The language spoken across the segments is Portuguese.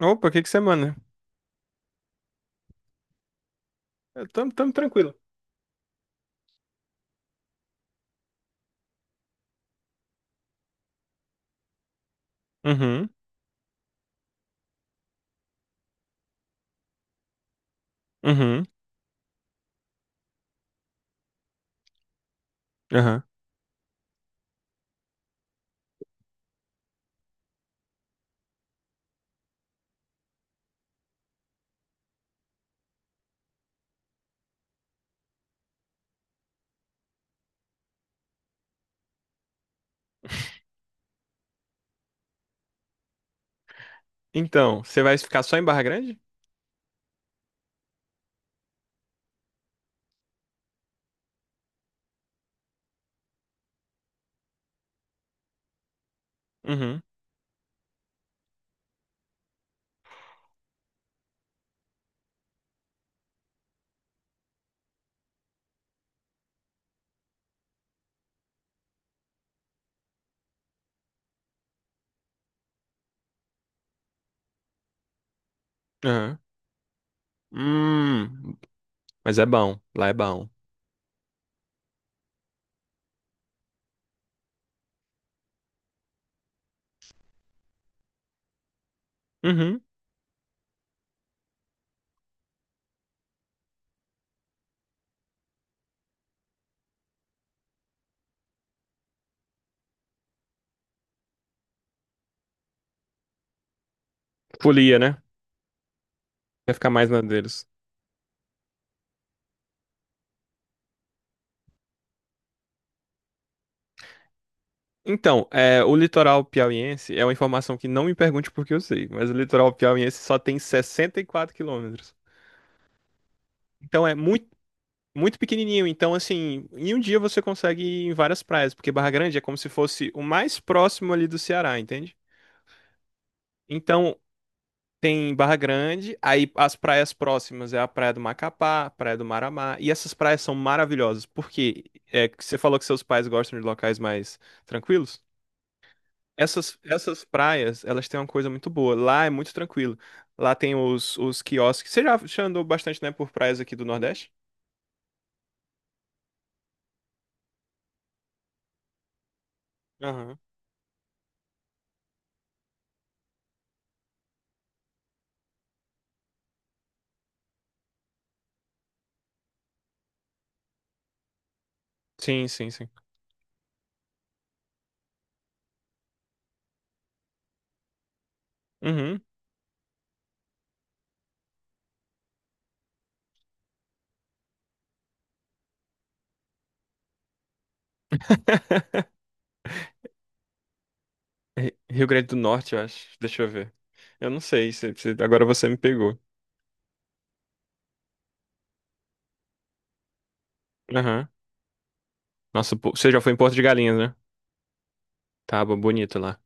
Opa, que você manda? Eu tamo tranquilo. Uhum, uhum, aham. Então, você vai ficar só em Barra Grande? Uhum, aham. Hum, mas é bom, lá é bom. Uhum. Folia, né? Vai ficar mais na deles. Então, o litoral piauiense é uma informação que não me pergunte porque eu sei, mas o litoral piauiense só tem 64 quilômetros. Então é muito, muito pequenininho. Então, assim, em um dia você consegue ir em várias praias, porque Barra Grande é como se fosse o mais próximo ali do Ceará, entende? Então, tem Barra Grande, aí as praias próximas é a Praia do Macapá, a Praia do Maramá, e essas praias são maravilhosas, porque que você falou que seus pais gostam de locais mais tranquilos. Essas praias, elas têm uma coisa muito boa. Lá é muito tranquilo. Lá tem os quiosques. Você já andou bastante, né, por praias aqui do Nordeste? Aham. Sim, sim, sim. Uhum. Rio Grande do Norte, eu acho. Deixa eu ver. Eu não sei, agora você me pegou. Aham. Nossa, pô, você já foi em Porto de Galinhas, né? Tava bonito lá.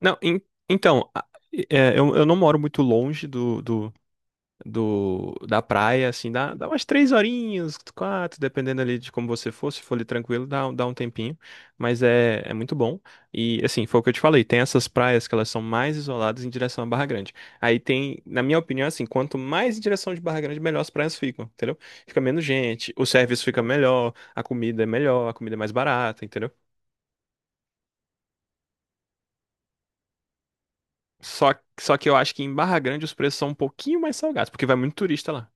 Não, então, eu não moro muito longe da praia, assim, dá umas três horinhas, quatro, dependendo ali de como você for, se for ali tranquilo, dá um tempinho, mas é muito bom. E, assim, foi o que eu te falei, tem essas praias que elas são mais isoladas em direção à Barra Grande. Aí tem, na minha opinião, assim, quanto mais em direção de Barra Grande, melhor as praias ficam, entendeu? Fica menos gente, o serviço fica melhor, a comida é melhor, a comida é mais barata, entendeu? Só, só que eu acho que em Barra Grande os preços são um pouquinho mais salgados, porque vai muito turista lá.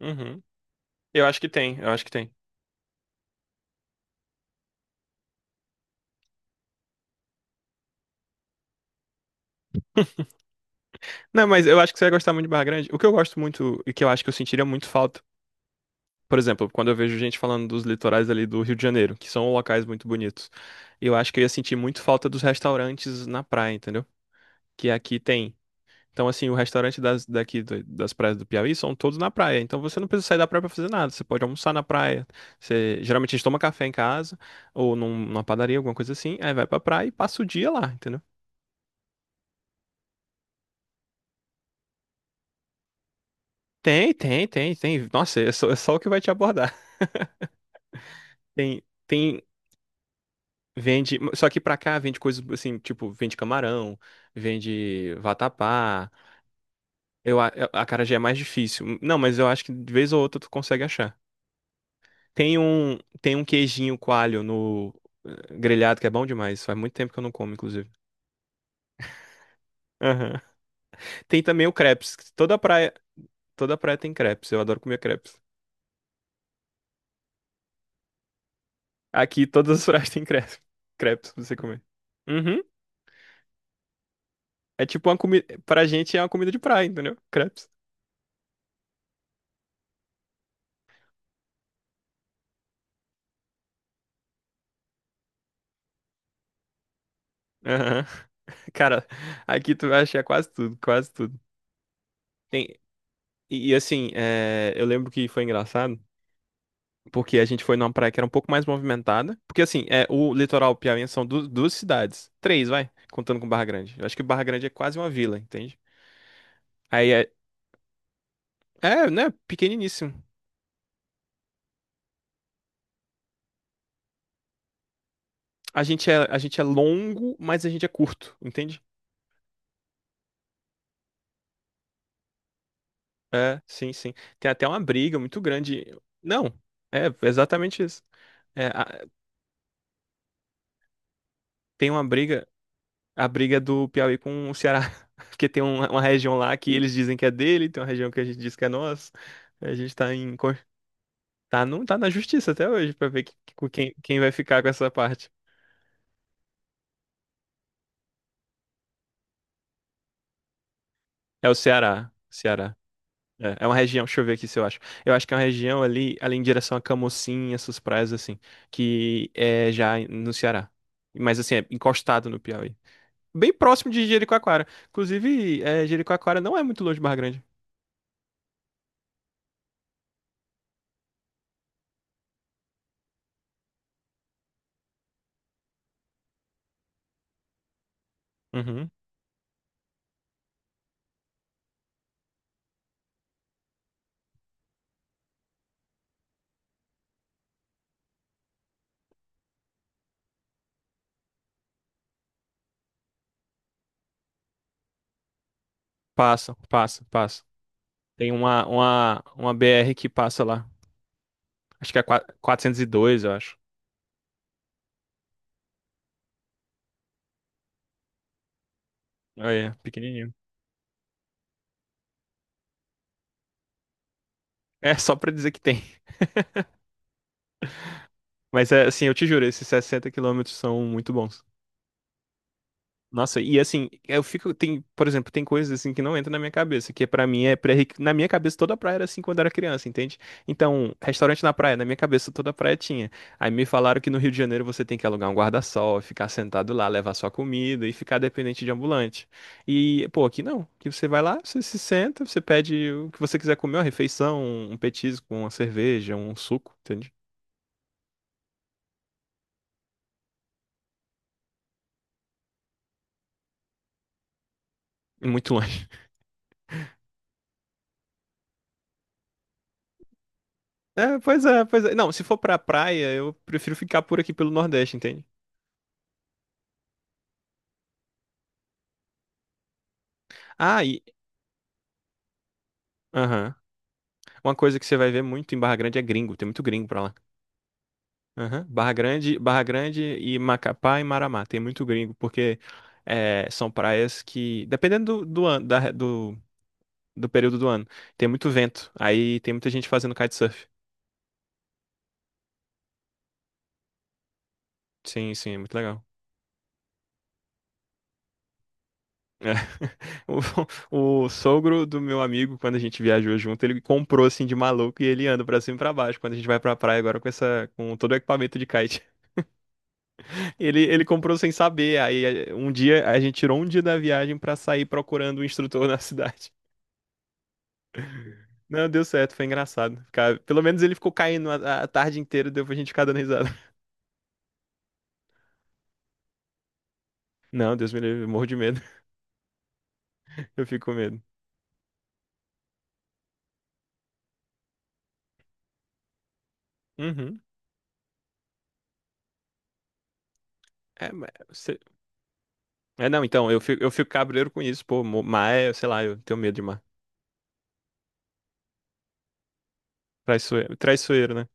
Uhum. Eu acho que tem, eu acho que tem. Não, mas eu acho que você vai gostar muito de Barra Grande. O que eu gosto muito e que eu acho que eu sentiria muito falta, por exemplo, quando eu vejo gente falando dos litorais ali do Rio de Janeiro, que são locais muito bonitos, eu acho que eu ia sentir muito falta dos restaurantes na praia, entendeu? Que aqui tem. Então, assim, o restaurante das praias do Piauí são todos na praia. Então, você não precisa sair da praia pra fazer nada. Você pode almoçar na praia. Você, geralmente, a gente toma café em casa ou numa padaria, alguma coisa assim. Aí vai pra praia e passa o dia lá, entendeu? Tem, tem, tem, tem. Nossa, é só o que vai te abordar. Tem, tem, vende. Só que pra cá vende coisas assim, tipo, vende camarão, vende vatapá. Eu, a, a acarajé é mais difícil. Não, mas eu acho que de vez ou outra tu consegue achar. Tem um queijinho coalho no grelhado que é bom demais. Faz muito tempo que eu não como, inclusive. Aham. Tem também o crepes que toda praia tem crepes. Eu adoro comer crepes. Aqui todas as praias têm crepes. Crepes pra você comer. Uhum. É tipo uma comida. Pra gente é uma comida de praia, entendeu? Crepes. Aham. Cara, aqui tu vai achar quase tudo, quase tudo. Tem. E assim, eu lembro que foi engraçado. Porque a gente foi numa praia que era um pouco mais movimentada. Porque, assim, o litoral piauiense são duas cidades. Três, vai. Contando com Barra Grande. Eu acho que Barra Grande é quase uma vila, entende? Aí né? Pequeniníssimo. A gente é longo, mas a gente é curto, entende? É, sim, sim. Tem até uma briga muito grande. Não, é exatamente isso. É, tem uma briga, a briga do Piauí com o Ceará. Porque tem uma região lá que eles dizem que é dele, tem uma região que a gente diz que é nossa. A gente tá em. Tá, não, tá na justiça até hoje pra ver quem vai ficar com essa parte. É o Ceará. Ceará. É, é uma região, deixa eu ver aqui se eu acho. Eu acho que é uma região ali, ali em direção a Camocim, essas praias assim, que é já no Ceará. Mas assim, é encostado no Piauí. Bem próximo de Jericoacoara. Inclusive, é, Jericoacoara não é muito longe de Barra Grande. Uhum. Passa, passa, passa. Tem uma BR que passa lá. Acho que é 402, eu acho. Olha, pequenininho. É só pra dizer que tem. Mas é assim, eu te juro, esses 60 quilômetros são muito bons. Nossa, e assim, eu fico, tem, por exemplo, tem coisas assim que não entram na minha cabeça, que pra mim é pré, na minha cabeça toda praia era assim quando eu era criança, entende? Então, restaurante na praia, na minha cabeça toda praia tinha. Aí me falaram que no Rio de Janeiro você tem que alugar um guarda-sol, ficar sentado lá, levar sua comida e ficar dependente de ambulante. E, pô, aqui não. Aqui você vai lá, você se senta, você pede o que você quiser comer, uma refeição, um petisco, uma cerveja, um suco, entende? Muito longe. É, pois é, pois é. Não, se for pra praia, eu prefiro ficar por aqui pelo Nordeste, entende? Ah, e. Aham. Uma coisa que você vai ver muito em Barra Grande é gringo, tem muito gringo pra lá. Aham. Barra Grande, Barra Grande e Macapá e Maramá, tem muito gringo, porque são praias que, dependendo do período do ano, tem muito vento, aí tem muita gente fazendo kitesurf. Sim, sim, é muito legal. É. O sogro do meu amigo, quando a gente viajou junto, ele comprou assim de maluco e ele anda pra cima e pra baixo. Quando a gente vai pra praia agora com essa, com todo o equipamento de kite, ele comprou sem saber. Aí um dia a gente tirou um dia da viagem pra sair procurando um instrutor na cidade. Não, deu certo, foi engraçado. Ficar- pelo menos ele ficou caindo a tarde inteira, deu pra gente ficar dando risada. Não, Deus me livre, eu morro de medo. Eu fico com medo. Uhum. É, mas você- não, então, eu fico cabreiro com isso, pô, mas, sei lá, eu tenho medo de mar. Traiçoeiro, traiçoeiro, né?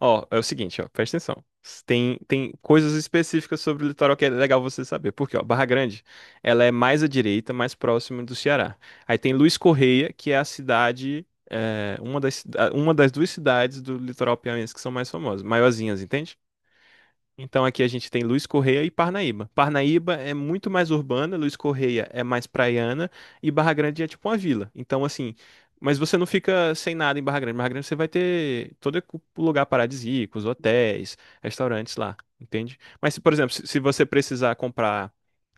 Ó, é o seguinte, ó, presta atenção. Tem coisas específicas sobre o litoral que é legal você saber. Porque, ó, Barra Grande, ela é mais à direita, mais próxima do Ceará. Aí tem Luiz Correia, que é a cidade, é, uma das duas cidades do litoral piauiense que são mais famosas, maiorzinhas, entende? Então aqui a gente tem Luiz Correia e Parnaíba. Parnaíba é muito mais urbana, Luiz Correia é mais praiana e Barra Grande é tipo uma vila. Então assim, mas você não fica sem nada em Barra Grande. Barra Grande você vai ter todo o lugar paradisíaco, os hotéis, restaurantes lá, entende? Mas se, por exemplo, se você precisar comprar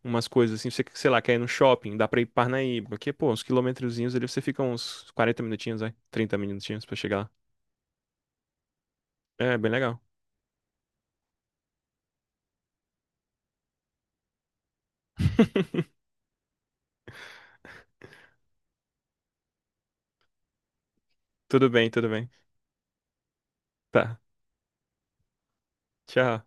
umas coisas assim, você, sei lá, quer ir no shopping, dá pra ir pra Parnaíba, que pô, uns quilometrozinhos ali você fica uns 40 minutinhos, vai, 30 minutinhos pra chegar lá. É, bem legal. Tudo bem, tudo bem. Tá. Tchau.